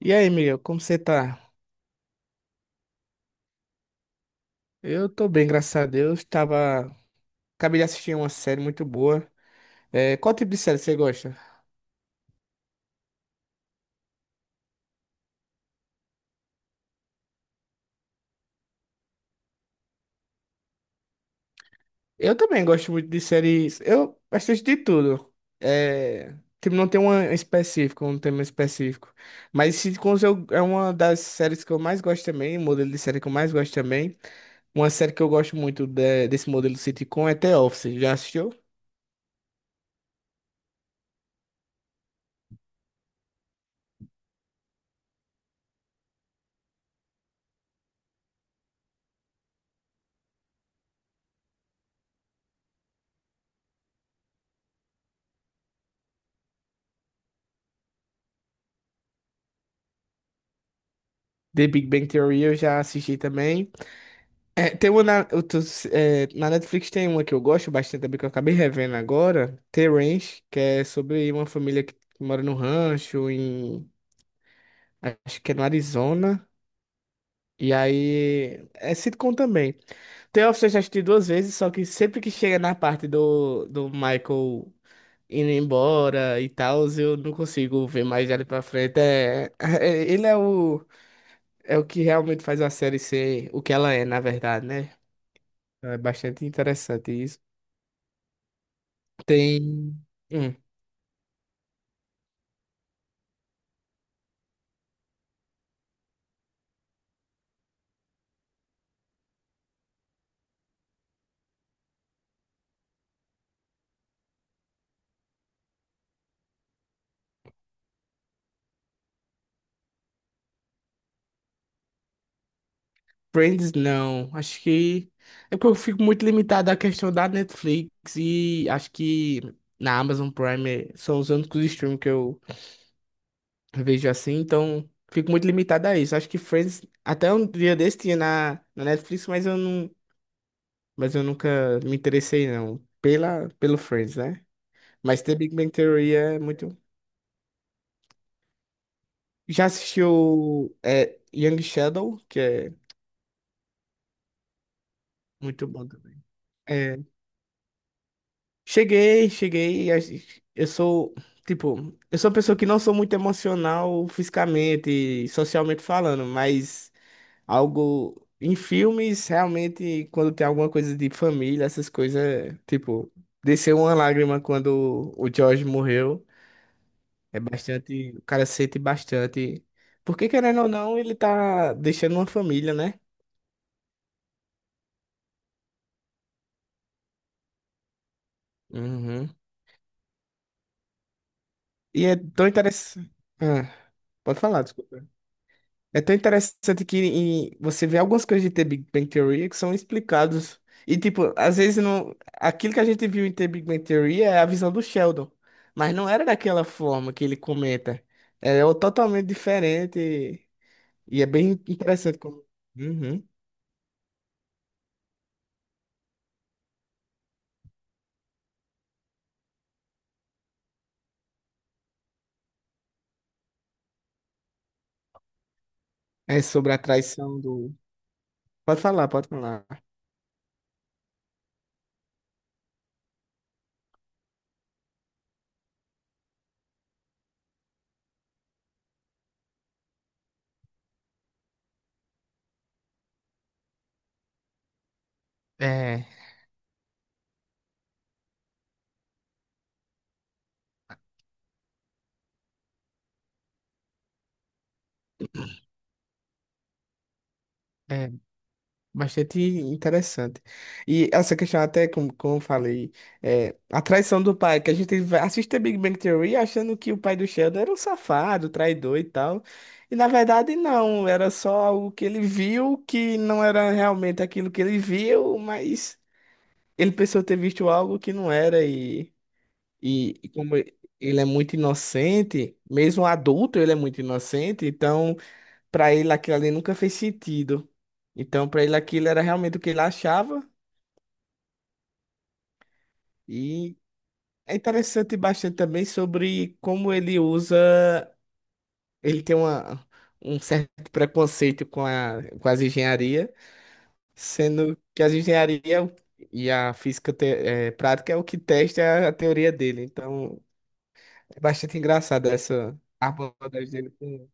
E aí, Miguel, como você tá? Eu tô bem, graças a Deus. Tava... Acabei de assistir uma série muito boa. É, qual tipo de série você gosta? Eu também gosto muito de séries. Eu assisto de tudo. É... Tipo, não tem uma específica, um tema específico. Mas Sitcoms eu... é uma das séries que eu mais gosto também, um modelo de série que eu mais gosto também. Uma série que eu gosto muito desse modelo sitcom é The Office. Já assistiu? The Big Bang Theory eu já assisti também. É, tem uma na, eu tô- é, na Netflix tem uma que eu gosto bastante também, que eu acabei revendo agora, The Ranch, que é sobre uma família que mora no rancho, acho que é no Arizona. E aí, é sitcom também. The Office eu já assisti duas vezes, só que sempre que chega na parte do Michael indo embora e tal, eu não consigo ver mais ele pra frente. É, ele é o. É o que realmente faz a série ser o que ela é, na verdade, né? É bastante interessante isso. Tem. Hum. Friends, não. Acho que. É porque eu fico muito limitado à questão da Netflix e acho que na Amazon Prime são os únicos streams que eu vejo assim, então fico muito limitado a isso. Acho que Friends, até um dia desse tinha na Netflix, mas eu não. Mas eu nunca me interessei, não. Pela, pelo Friends, né? Mas The Big Bang Theory é muito. Já assistiu é, Young Sheldon, que é muito bom também. É, Cheguei. Eu sou, tipo, eu sou uma pessoa que não sou muito emocional fisicamente e socialmente falando, mas algo em filmes, realmente, quando tem alguma coisa de família, essas coisas, é, tipo, desceu uma lágrima quando o George morreu. É bastante, o cara sente bastante. Porque querendo ou não, ele tá deixando uma família, né? Uhum. E é tão interessante. Ah, Pode falar, desculpa. É tão interessante que você vê algumas coisas de The Big Bang Theory que são explicados. E, tipo, às vezes não... aquilo que a gente viu em The Big Bang Theory é a visão do Sheldon. Mas não era daquela forma que ele comenta. Totalmente diferente. E é bem interessante como. Uhum. É sobre a traição do. Pode falar, pode falar. É. É. Bastante interessante. E essa questão, até como, como eu falei, é, a traição do pai, que a gente assiste a Big Bang Theory achando que o pai do Sheldon era um safado, traidor e tal. E na verdade, não, era só algo que ele viu que não era realmente aquilo que ele viu, mas ele pensou ter visto algo que não era. E como ele é muito inocente, mesmo adulto, ele é muito inocente, então. Pra ele aquilo ali nunca fez sentido. Então, pra ele aquilo era realmente o que ele achava. E é interessante bastante também sobre como ele usa. Ele tem uma, Um certo preconceito com as engenharia, sendo que as engenharia e a física prática é o que testa a teoria dele. Então, é bastante engraçado essa abordagem dele com.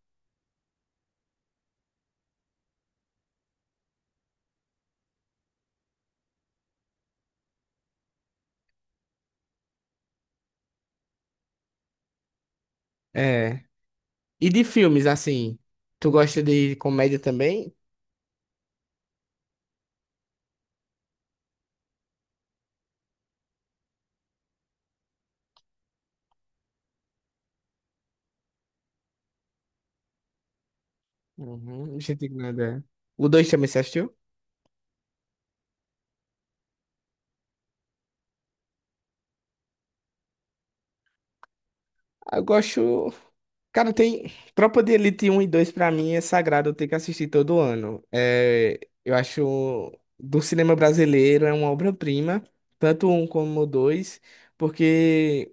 É. E de filmes, assim, tu gosta de comédia também? Uhum, gente indignada. O 2 também você assistiu? Eu gosto. Cara, tem. Tropa de Elite um e dois pra mim é sagrado, eu tenho que assistir todo ano. É... Eu acho. Do cinema brasileiro é uma obra-prima, tanto um como o dois, porque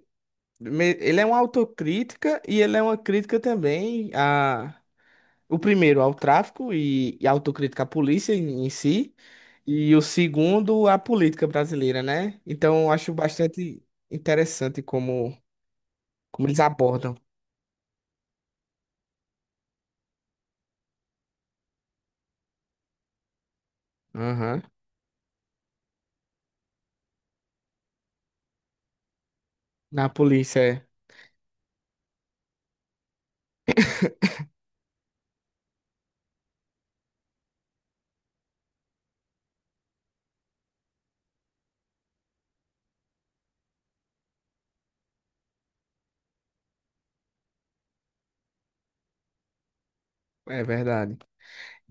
ele é uma autocrítica e ele é uma crítica também a. O primeiro ao tráfico e autocrítica à polícia em si, e o segundo à política brasileira, né? Então, eu acho bastante interessante como, como eles abordam. Aham. Na polícia, é, é verdade.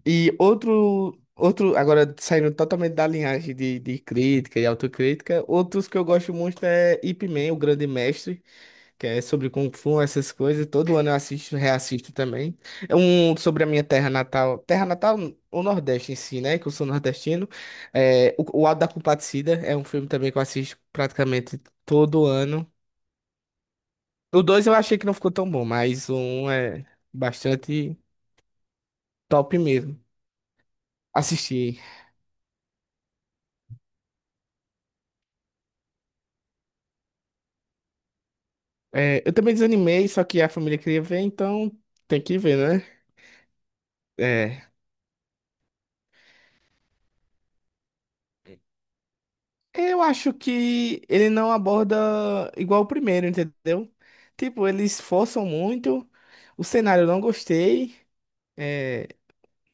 E outro, agora saindo totalmente da linhagem de crítica e autocrítica, outros que eu gosto muito é Ip Man, o Grande Mestre, que é sobre Kung Fu, essas coisas. Todo ano eu assisto, reassisto também. É um sobre a minha terra natal. Terra natal, o Nordeste em si, né? Que eu sou nordestino. É, o Auto da Compadecida é um filme também que eu assisto praticamente todo ano. O dois eu achei que não ficou tão bom, mas o um é bastante top mesmo. Assisti. É, eu também desanimei, só que a família queria ver, então tem que ver, né? É. Eu acho que ele não aborda igual o primeiro, entendeu? Tipo, eles forçam muito. O cenário eu não gostei. É,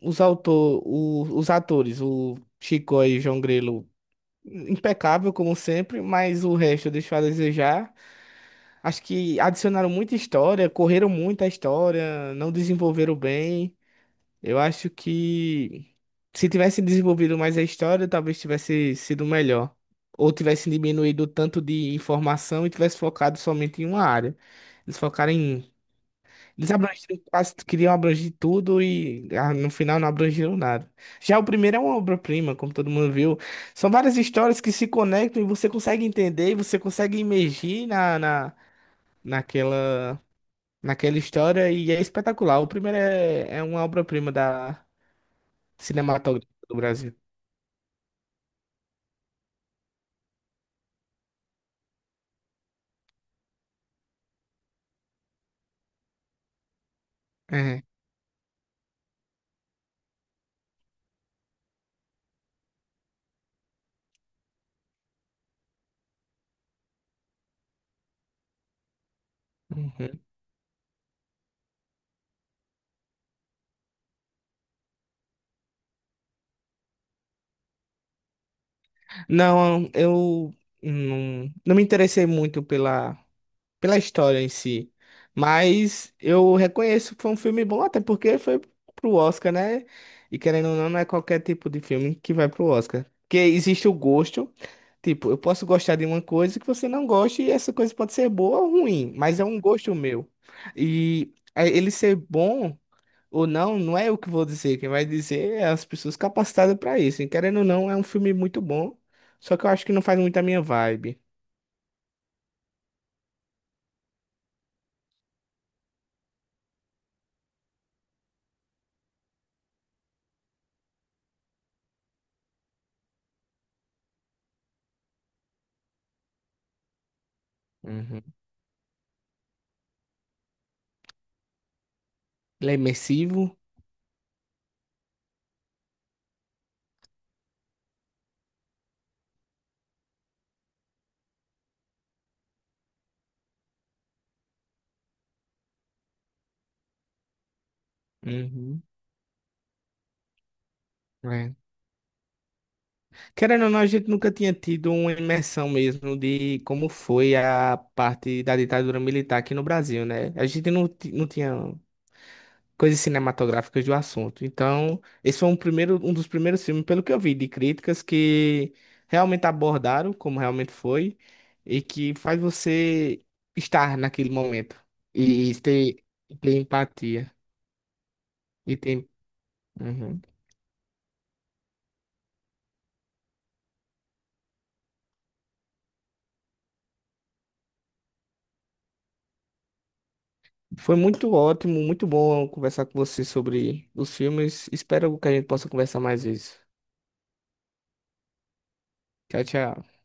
os atores, o Chico e João Grilo, impecável como sempre, mas o resto deixou a desejar. Acho que adicionaram muita história, correram muito a história, não desenvolveram bem. Eu acho que se tivesse desenvolvido mais a história, talvez tivesse sido melhor. Ou tivesse diminuído o tanto de informação e tivesse focado somente em uma área. Eles focaram em. Eles abrangeram quase, queriam abranger tudo e ah, no final não abrangeram nada. Já o primeiro é uma obra-prima, como todo mundo viu. São várias histórias que se conectam e você consegue entender e você consegue imergir naquela, história e é espetacular. O primeiro é, é uma obra-prima da Cinematográfico do Brasil. É. Uhum. Não, eu não, não me interessei muito pela história em si, mas eu reconheço que foi um filme bom, até porque foi pro Oscar, né? E querendo ou não, não é qualquer tipo de filme que vai pro Oscar. Porque existe o gosto, tipo, eu posso gostar de uma coisa que você não goste, e essa coisa pode ser boa ou ruim, mas é um gosto meu. E é, ele ser bom. Ou não, não é eu que vou dizer, quem vai dizer é as pessoas capacitadas pra isso. E querendo ou não, é um filme muito bom, só que eu acho que não faz muito a minha vibe. Uhum. Ele é imersivo. Uhum. É. Querendo ou não, a gente nunca tinha tido uma imersão mesmo de como foi a parte da ditadura militar aqui no Brasil, né? A gente não, não tinha coisas cinematográficas do assunto. Então, esse foi um primeiro, um dos primeiros filmes, pelo que eu vi, de críticas que realmente abordaram como realmente foi e que faz você estar naquele momento e, e ter, ter empatia e ter. Uhum. Foi muito ótimo, muito bom conversar com você sobre os filmes. Espero que a gente possa conversar mais vezes. Tchau, tchau.